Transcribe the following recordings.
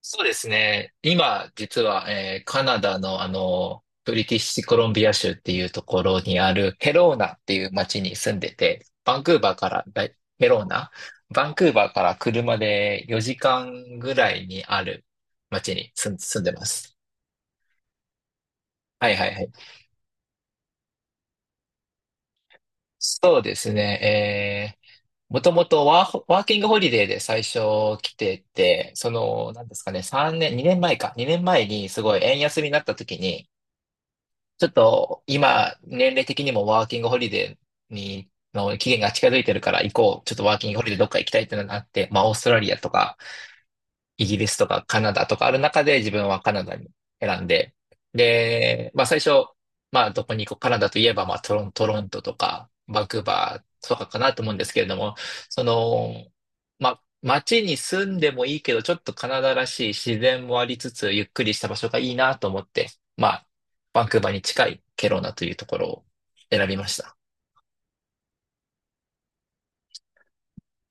そうですね。今、実は、カナダの、ブリティッシュコロンビア州っていうところにあるヘローナっていう町に住んでて、バンクーバーから、だいヘローナバンクーバーから車で4時間ぐらいにある町に住んでます。はいはいはい。そうですね。もともとワーキングホリデーで最初来てて、その、なんですかね、3年、2年前か、2年前にすごい円安になった時に、ちょっと今、年齢的にもワーキングホリデーの期限が近づいてるから行こう。ちょっとワーキングホリデーどっか行きたいってのがあって、まあ、オーストラリアとか、イギリスとかカナダとかある中で自分はカナダに選んで、で、まあ最初、まあどこに行こう、カナダといえばまあトロントとかバンクーバーとかかなと思うんですけれども、その、まあ街に住んでもいいけど、ちょっとカナダらしい自然もありつつ、ゆっくりした場所がいいなと思って、まあバンクーバーに近いケロナというところを選びました。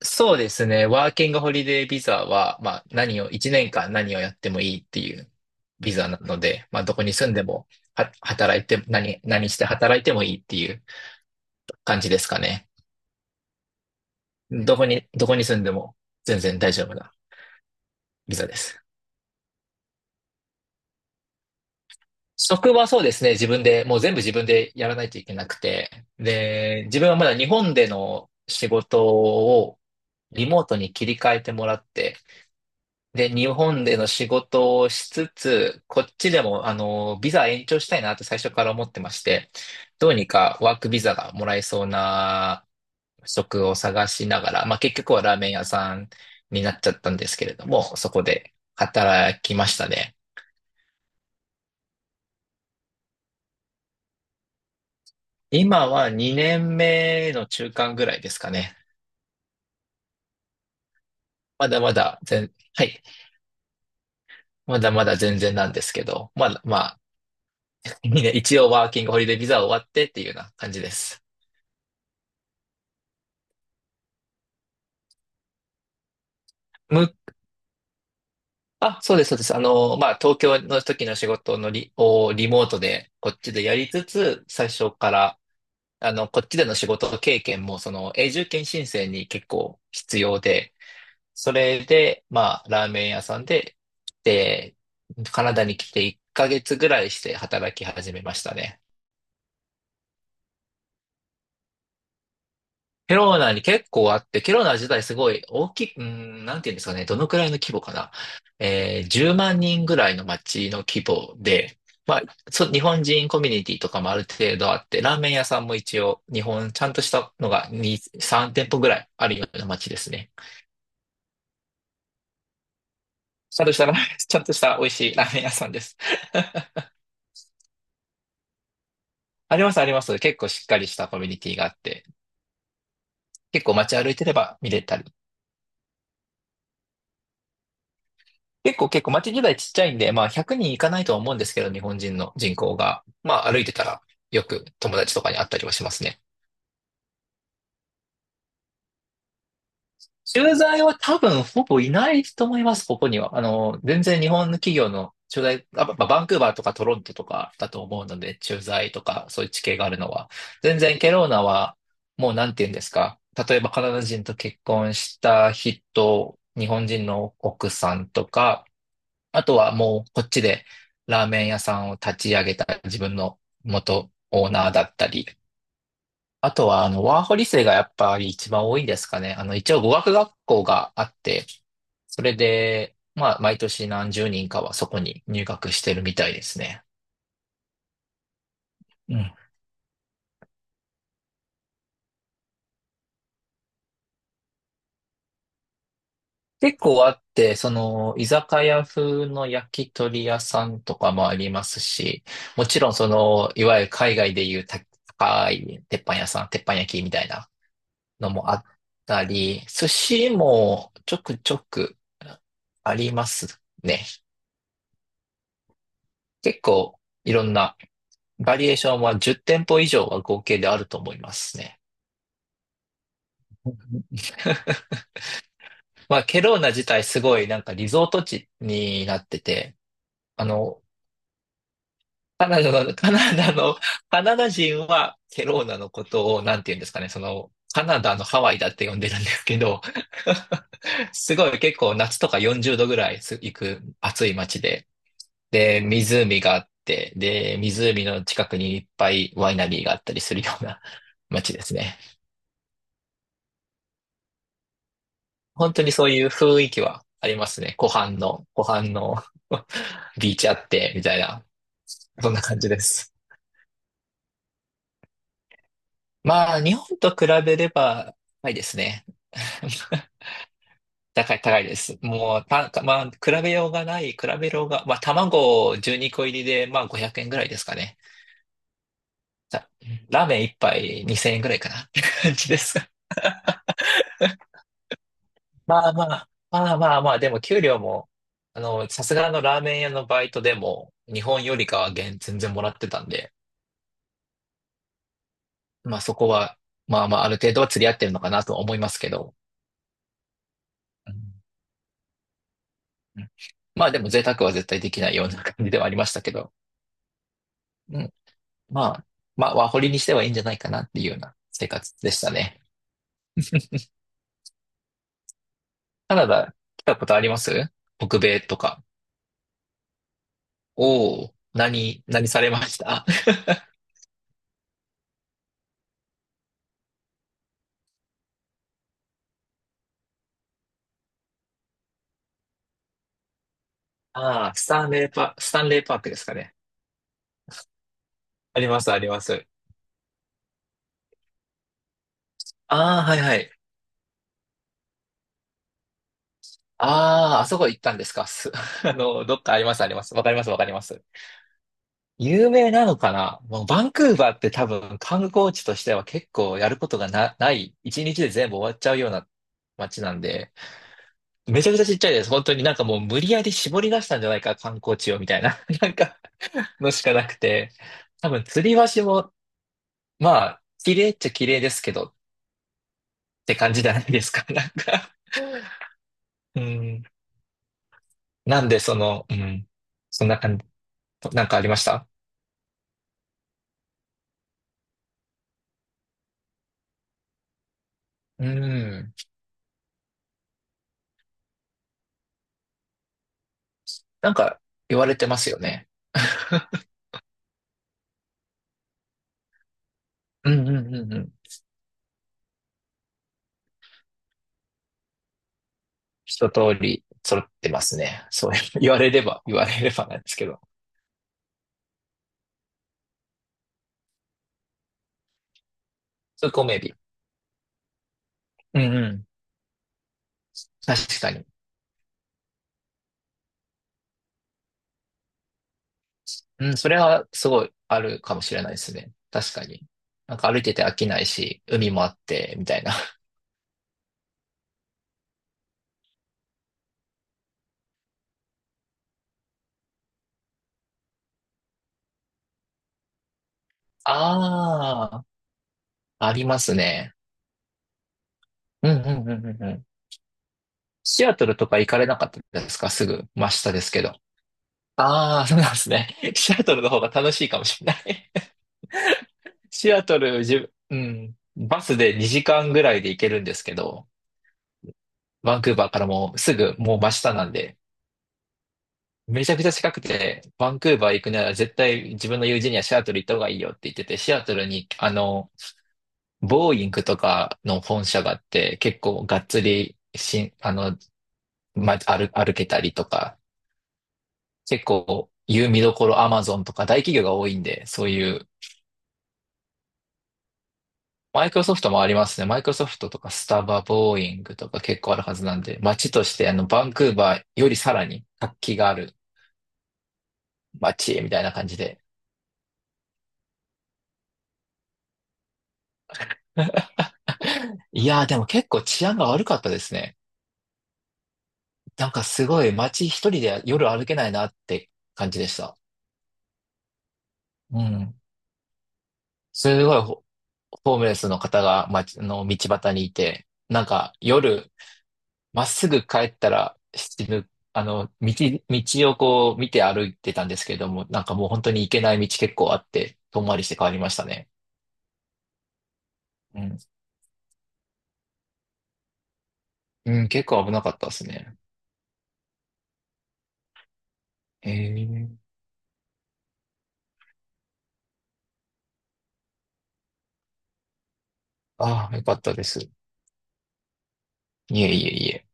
そうですね。ワーキングホリデービザは、まあ1年間何をやってもいいっていうビザなので、まあどこに住んでも、働いて、何して働いてもいいっていう感じですかね。どこに住んでも全然大丈夫なビザです。職はそうですね。自分で、もう全部自分でやらないといけなくて。で、自分はまだ日本での仕事をリモートに切り替えてもらって、で、日本での仕事をしつつ、こっちでも、ビザ延長したいなって最初から思ってまして、どうにかワークビザがもらえそうな職を探しながら、まあ、結局はラーメン屋さんになっちゃったんですけれども、そこで働きましたね。今は2年目の中間ぐらいですかね。まだまだはい。まだまだ全然なんですけど、まだ、まあ、にねん一応ワーキングホリデービザ終わってっていうような感じです。向あ、そうです、そうです。あの、まあ、東京の時の仕事のをリモートで、こっちでやりつつ、最初から、あの、こっちでの仕事経験も、その、永住権申請に結構必要で、それで、まあ、ラーメン屋さんで、で、カナダに来て1ヶ月ぐらいして働き始めましたね。ケローナに結構あって、ケローナ自体すごい大きい、なんていうんですかね、どのくらいの規模かな。10万人ぐらいの町の規模で、まあ、日本人コミュニティとかもある程度あって、ラーメン屋さんも一応、日本、ちゃんとしたのが2、3店舗ぐらいあるような町ですね。ちゃんとしたラーメン、ちゃんとした美味しいラーメン屋さんです。あります、あります。結構しっかりしたコミュニティがあって、結構街歩いてれば見れたり。結構街自体ちっちゃいんで、まあ100人いかないとは思うんですけど、日本人の人口が。まあ歩いてたらよく友達とかに会ったりはしますね。駐在は多分ほぼいないと思います、ここには。あの、全然日本の企業の駐在、バンクーバーとかトロントとかだと思うので、駐在とかそういう地形があるのは。全然ケローナはもうなんて言うんですか。例えばカナダ人と結婚した人、日本人の奥さんとか、あとはもうこっちでラーメン屋さんを立ち上げた自分の元オーナーだったり、あとはあのワーホリ生がやっぱり一番多いんですかね。あの一応語学学校があって、それで、まあ毎年何十人かはそこに入学してるみたいですね。うん。結構あって、その居酒屋風の焼き鳥屋さんとかもありますし、もちろんそのいわゆる海外でいう高い鉄板屋さん、鉄板焼きみたいなのもあったり、寿司もちょくちょくありますね。結構いろんなバリエーションは10店舗以上は合計であると思いますね。まあ、ケローナ自体すごいなんかリゾート地になってて、あの、カナダの、カナダの、カナダ人はケローナのことをなんて言うんですかね、その、カナダのハワイだって呼んでるんですけど、すごい結構夏とか40度ぐらい行く暑い街で、で、湖があって、で、湖の近くにいっぱいワイナリーがあったりするような 街ですね。本当にそういう雰囲気はありますね。湖畔の、湖畔の ビーチあって、みたいな、そんな感じです。まあ、日本と比べれば、高いですね。高い、高いです。もう、まあ、比べようがない、比べようが、まあ、卵12個入りで、まあ、500円ぐらいですかね。さラーメン一杯2000円ぐらいかな。って感じです。まあまあ、まあまあまあ、でも給料も、あの、さすがのラーメン屋のバイトでも、日本よりかは全然もらってたんで、まあそこは、まあまあ、ある程度は釣り合ってるのかなとは思いますけど、うんうん、まあでも贅沢は絶対できないような感じではありましたけど、うん、まあ、まあ、ワーホリにしてはいいんじゃないかなっていうような生活でしたね。カナダ来たことあります？北米とか。おお、何されました？ ああ、スタンレーパークですかね。あります、あります。ああ、はいはい。ああ、あそこ行ったんですか。あの、どっかあります、あります。わかります、わかります。有名なのかな。もうバンクーバーって多分観光地としては結構やることがない、一日で全部終わっちゃうような街なんで、めちゃくちゃちっちゃいです。本当になんかもう無理やり絞り出したんじゃないか、観光地をみたいな、なんかのしかなくて、多分吊り橋も、まあ、綺麗っちゃ綺麗ですけどって感じじゃないですか、なんか。うん。なんで、その、うん。そんな感じ。なんかありました？うん。なんか言われてますよね。うんうんうんうん。一通り揃ってますね。そう 言われればなんですけど。そう、コメビ。うんうん。確かに。うん、それはすごいあるかもしれないですね。確かに。なんか歩いてて飽きないし、海もあって、みたいな。ああ、ありますね。うんうんうんうんうん。シアトルとか行かれなかったですかすぐ真下ですけど。ああ、そうなんですね。シアトルの方が楽しいかもしれないシアトル、自分、うん、バスで2時間ぐらいで行けるんですけど、バンクーバーからもうすぐもう真下なんで、めちゃくちゃ近くて、バンクーバー行くなら絶対自分の友人にはシアトル行った方がいいよって言ってて、シアトルに、あの、ボーイングとかの本社があって、結構がっつりあの、歩けたりとか、結構、見どころアマゾンとか大企業が多いんで、そういうマイクロソフトもありますね。マイクロソフトとかスタバ、ボーイングとか結構あるはずなんで、街としてあのバンクーバーよりさらに活気がある街みたいな感じで。いやーでも結構治安が悪かったですね。なんかすごい街一人で夜歩けないなって感じでした。うん。すごいホームレスの方が街の道端にいて、なんか夜まっすぐ帰ったら死ぬ、あの、道をこう見て歩いてたんですけれども、なんかもう本当に行けない道結構あって、遠回りして帰りましたね。うん。うん、結構危なかったですね。ええ、ああ、よかったです。いえいえいえ。